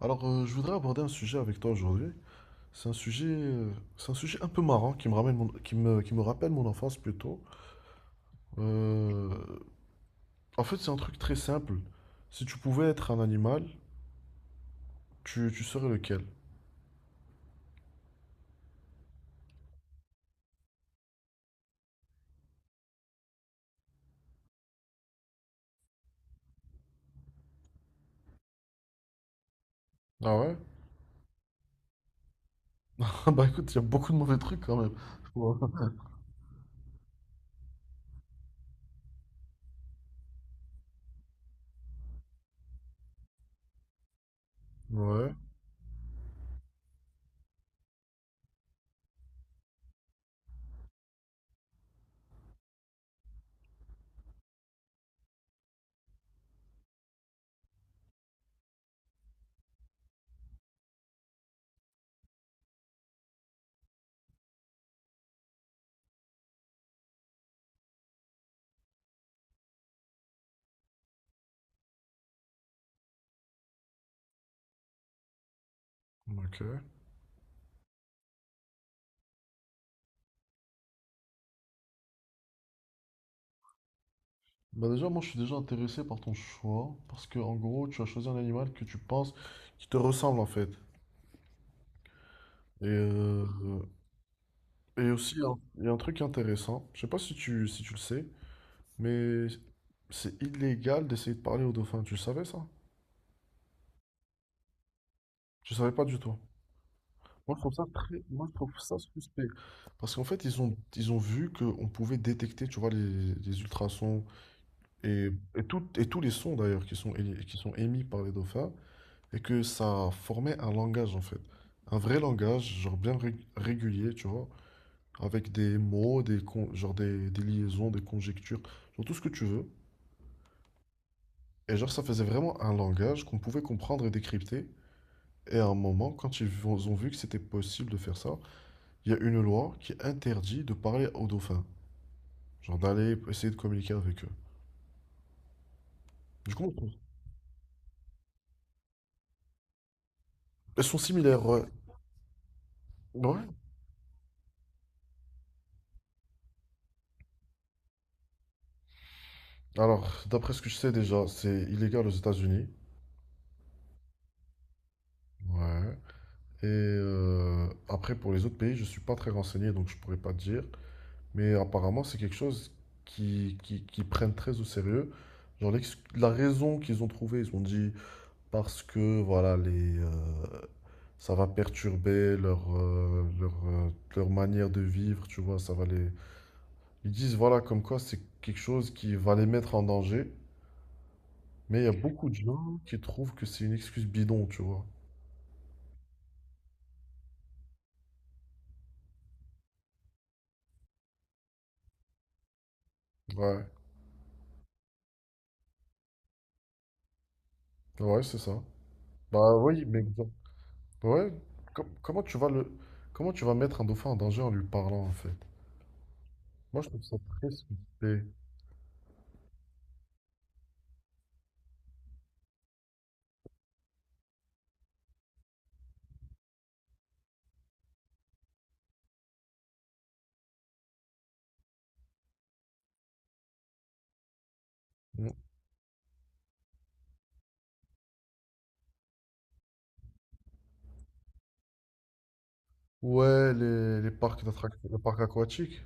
Alors, je voudrais aborder un sujet avec toi aujourd'hui. C'est un sujet, euh, c'est un sujet un peu marrant qui me ramène qui me rappelle mon enfance plutôt. Euh, En fait, c'est un truc très simple. Si tu pouvais être un animal, tu serais lequel? Ah ouais? Bah écoute, il y a beaucoup de mauvais trucs quand même. Ouais, ouais, ok. Bah déjà, moi, je suis déjà intéressé par ton choix parce que, en gros, tu as choisi un animal que tu penses qui te ressemble en fait. Et, euh, et aussi, il y a un, il y a un truc intéressant. Je sais pas si tu le sais. Mais c'est illégal d'essayer de parler au dauphin. Tu le savais, ça? Je savais pas du tout. Moi, je trouve ça suspect. Parce qu'en fait, ils ont vu qu'on pouvait détecter, tu vois, les ultrasons et, et tous les sons d'ailleurs qui sont émis par les dauphins, et que ça formait un langage en fait. Un vrai langage, genre bien régulier, tu vois, avec des mots, genre des liaisons, des conjectures, genre tout ce que tu veux. Et genre, ça faisait vraiment un langage qu'on pouvait comprendre et décrypter. Et à un moment, quand ils ont vu que c'était possible de faire ça, il y a une loi qui interdit de parler aux dauphins. Genre, d'aller essayer de communiquer avec eux. Du coup, elles sont similaires, ouais. Ouais. Alors, d'après ce que je sais déjà, c'est illégal aux États-Unis. Ouais. Et après, pour les autres pays, je suis pas très renseigné, donc je pourrais pas te dire. Mais apparemment, c'est quelque chose qui prennent très au sérieux. Genre, la raison qu'ils ont trouvée, ils ont dit, parce que voilà, ça va perturber leur manière de vivre, tu vois, ça va les... Ils disent, voilà, comme quoi c'est quelque chose qui va les mettre en danger, mais il y a beaucoup de gens qui trouvent que c'est une excuse bidon, tu vois. Ouais, ouais, c'est ça. Bah oui, mais... bon, ouais, com- comment tu vas le... comment tu vas mettre un dauphin en danger en lui parlant, en fait? Moi, je trouve ça très suspect. Mm. Ouais, les parcs d'attractions, les parcs aquatiques,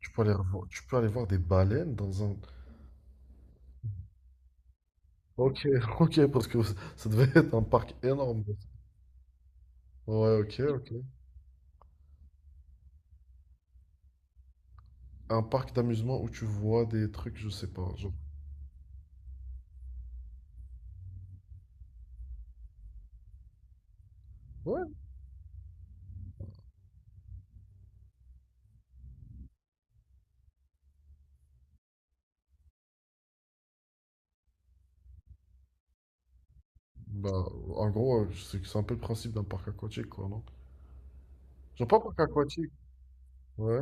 tu peux aller voir des baleines dans un... Ok, ok, parce que ça devait être un parc énorme. Ouais, ok, ok. Un parc d'amusement où tu vois des trucs, je sais pas, Ouais, bah, en gros, c'est un peu le principe d'un parc aquatique, quoi, non? Genre, pas parc aquatique. Ouais.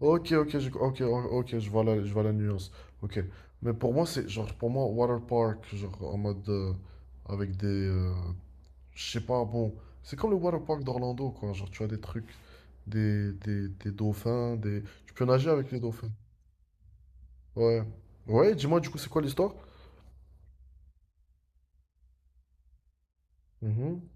Ok, ok, je vois la nuance. Ok. Mais pour moi, c'est genre, pour moi, water park, genre en mode avec des, je sais pas, bon. C'est comme le water park d'Orlando, quoi. Genre, tu as des trucs, des dauphins, des. Tu peux nager avec les dauphins. Ouais. Ouais, dis-moi du coup, c'est quoi l'histoire? Mhm.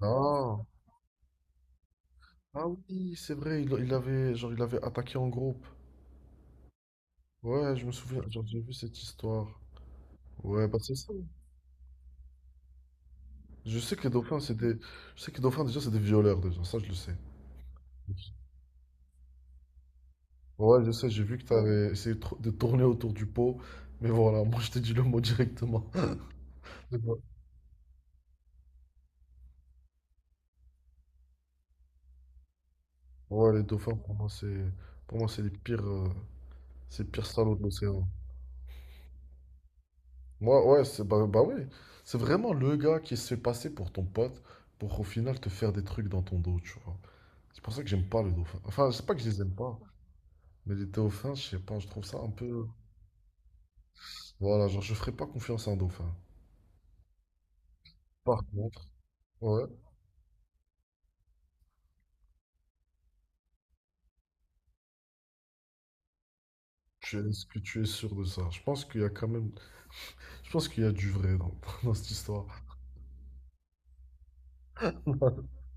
Ah. Ah oui, c'est vrai, il avait genre, il avait attaqué en groupe. Ouais, je me souviens, genre j'ai vu cette histoire. Ouais, bah c'est ça. Je sais que les dauphins, c'est des. Je sais que les dauphins, déjà, c'est des violeurs, déjà, ça je le sais. Ouais, je sais, j'ai vu que t'avais essayé de de tourner autour du pot, mais voilà, moi je t'ai dit le mot directement. Ouais, les dauphins, pour moi, c'est. Pour moi, c'est les pires. C'est les pires salauds de l'océan. Moi, ouais, c'est bah, bah ouais. C'est vraiment le gars qui se fait passer pour ton pote pour, au final, te faire des trucs dans ton dos, tu vois. C'est pour ça que j'aime pas les dauphins. Enfin, c'est pas que je les aime pas, mais les dauphins, je sais pas, je trouve ça un peu. Voilà, genre, je ferais pas confiance à un dauphin. Par contre, ouais, est-ce que tu es sûr de ça? Je pense qu'il y a quand même. Je pense qu'il y a du vrai dans, dans cette histoire.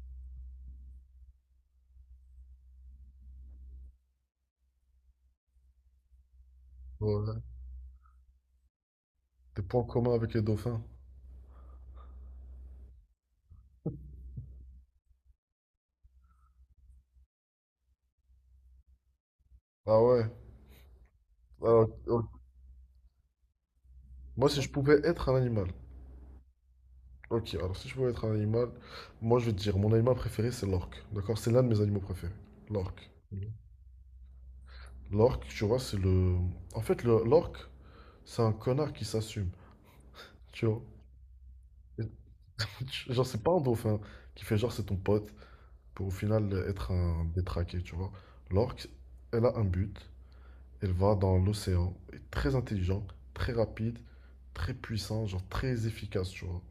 Ouais. Des points communs avec les dauphins. Ah ouais. Alors, moi, si je pouvais être un animal, ok, alors si je pouvais être un animal, moi je vais te dire, mon animal préféré c'est l'orque. D'accord? C'est l'un de mes animaux préférés. L'orque. Mhm. L'orque, tu vois, c'est le. En fait, l'orque, c'est un connard qui s'assume. Tu vois? Genre, c'est pas un dauphin qui fait genre c'est ton pote pour au final être un détraqué, tu vois? L'orque, elle a un but. Elle va dans l'océan. Elle est très intelligent, très rapide, très puissant, genre très efficace, tu vois?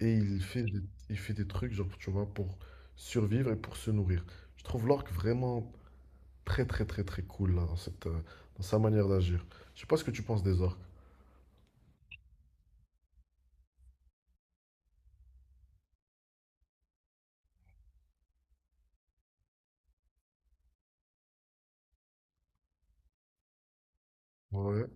Et il fait des trucs, genre, tu vois, pour survivre et pour se nourrir. Je trouve l'orque vraiment très, très, très, très cool, là, dans cette, dans sa manière d'agir. Je sais pas ce que tu penses des orques. Ouais.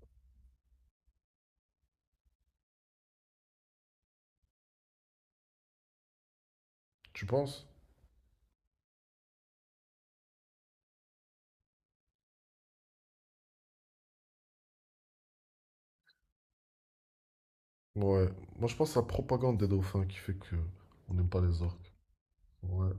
Tu penses? Ouais. Moi, je pense à la propagande des dauphins qui fait que on n'aime pas les orques. Ouais.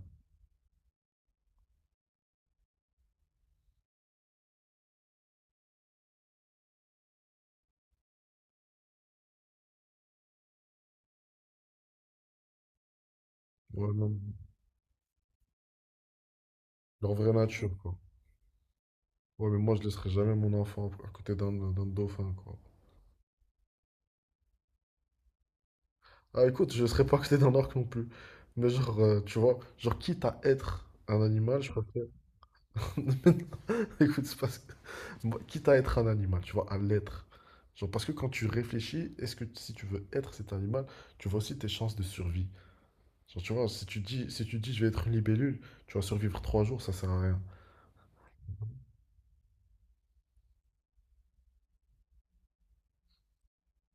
Ouais, non, leur vraie nature, quoi. Ouais, mais moi, je laisserai jamais mon enfant à côté d'un d'un dauphin, quoi. Ah, écoute, je laisserai pas à côté d'un orque non plus. Mais genre, tu vois, genre, quitte à être un animal, je préfère... Écoute, moi, quitte à être un animal, tu vois, à l'être. Genre, parce que quand tu réfléchis, est-ce que, si tu veux être cet animal, tu vois aussi tes chances de survie. Genre, tu vois, si tu dis je vais être une libellule, tu vas survivre 3 jours, ça sert à rien.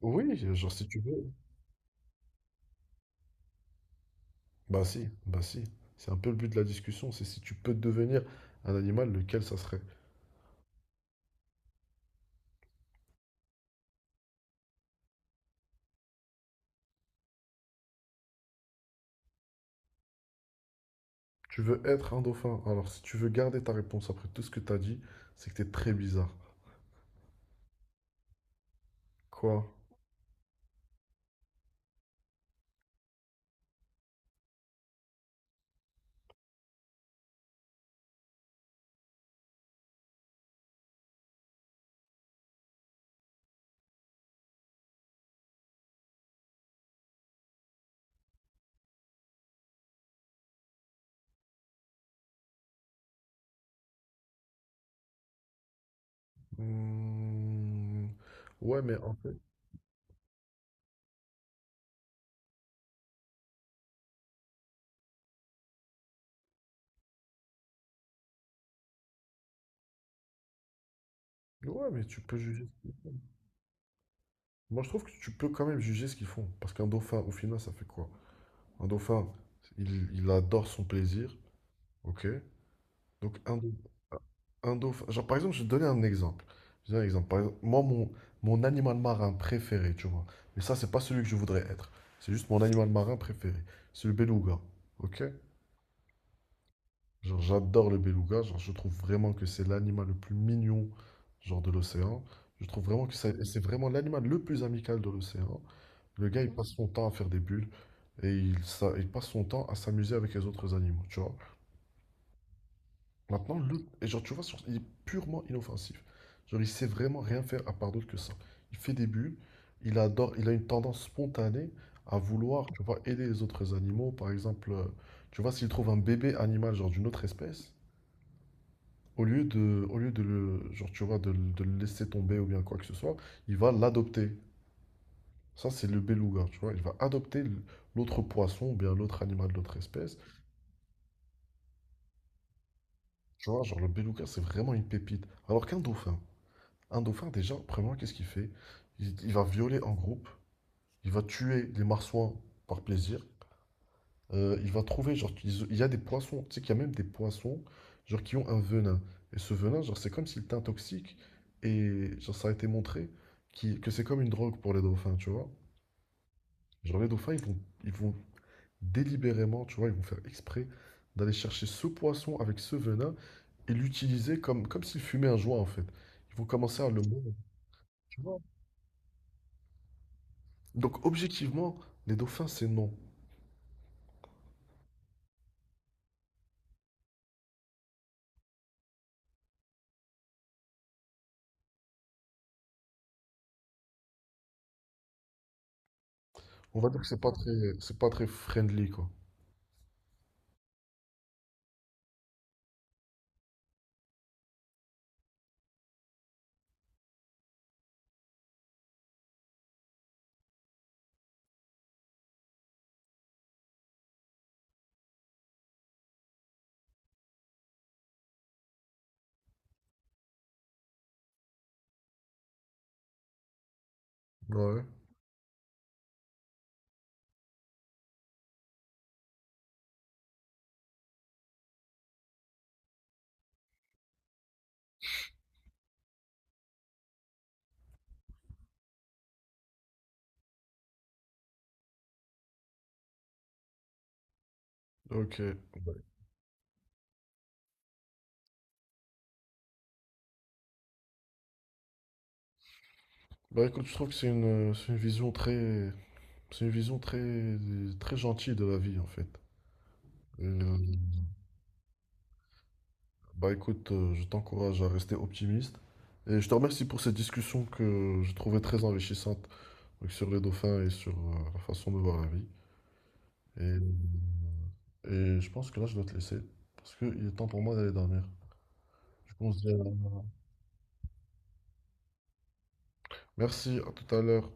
Oui, genre, si tu veux. Bah si, bah si. C'est un peu le but de la discussion, c'est si tu peux devenir un animal, lequel ça serait. Tu veux être un dauphin. Alors, si tu veux garder ta réponse après tout ce que t'as dit, c'est que t'es très bizarre. Quoi? Hmm, Ouais, mais en fait. Ouais, mais tu peux juger. Moi, je trouve que tu peux quand même juger ce qu'ils font. Parce qu'un dauphin, au final, ça fait quoi? Un dauphin, il adore son plaisir. Ok? Donc, un dauphin. Genre, par exemple, je vais te donner un exemple. Je vais te donner un exemple. Par exemple, moi, mon animal marin préféré, tu vois. Mais ça, c'est pas celui que je voudrais être. C'est juste mon animal marin préféré. C'est le beluga. Ok? Genre, j'adore le beluga. Genre, je trouve vraiment que c'est l'animal le plus mignon, genre, de l'océan. Je trouve vraiment que c'est vraiment l'animal le plus amical de l'océan. Le gars, il passe son temps à faire des bulles, et il passe son temps à s'amuser avec les autres animaux, tu vois. Maintenant, le, et genre, tu vois, il est purement inoffensif. Genre, il sait vraiment rien faire à part d'autre que ça. Il fait des bulles, il adore, il a une tendance spontanée à vouloir, tu vois, aider les autres animaux. Par exemple, tu vois, s'il trouve un bébé animal, genre d'une autre espèce, au lieu de le, genre, tu vois, de le laisser tomber ou bien quoi que ce soit, il va l'adopter. Ça, c'est le beluga, tu vois. Il va adopter l'autre poisson ou bien l'autre animal de l'autre espèce. Tu vois, genre le beluga, c'est vraiment une pépite. Alors qu'un dauphin, déjà, premièrement, qu'est-ce qu'il fait? Il va violer en groupe, il va tuer les marsouins par plaisir. Il va trouver, genre, il y a des poissons, tu sais qu'il y a même des poissons, genre, qui ont un venin. Et ce venin, genre, c'est comme s'il était toxique. Et, genre, ça a été montré que c'est comme une drogue pour les dauphins, tu vois. Genre, les dauphins, ils vont délibérément, tu vois, ils vont faire exprès d'aller chercher ce poisson avec ce venin et l'utiliser comme s'il fumait un joint, en fait. Ils vont commencer à le mordre, tu vois. Donc, objectivement, les dauphins, c'est non. On va dire que c'est pas très friendly, quoi. Ouais, ok. Ouais. Bah écoute, je trouve que c'est une vision très, très gentille de la vie, en fait. Et, euh, Bah écoute, je t'encourage à rester optimiste. Et je te remercie pour cette discussion que je trouvais très enrichissante, donc sur les dauphins et sur la façon de voir la vie. Et, et je pense que là, je dois te laisser parce qu'il est temps pour moi d'aller dormir. Du coup, on se dit à- Merci, à tout à l'heure.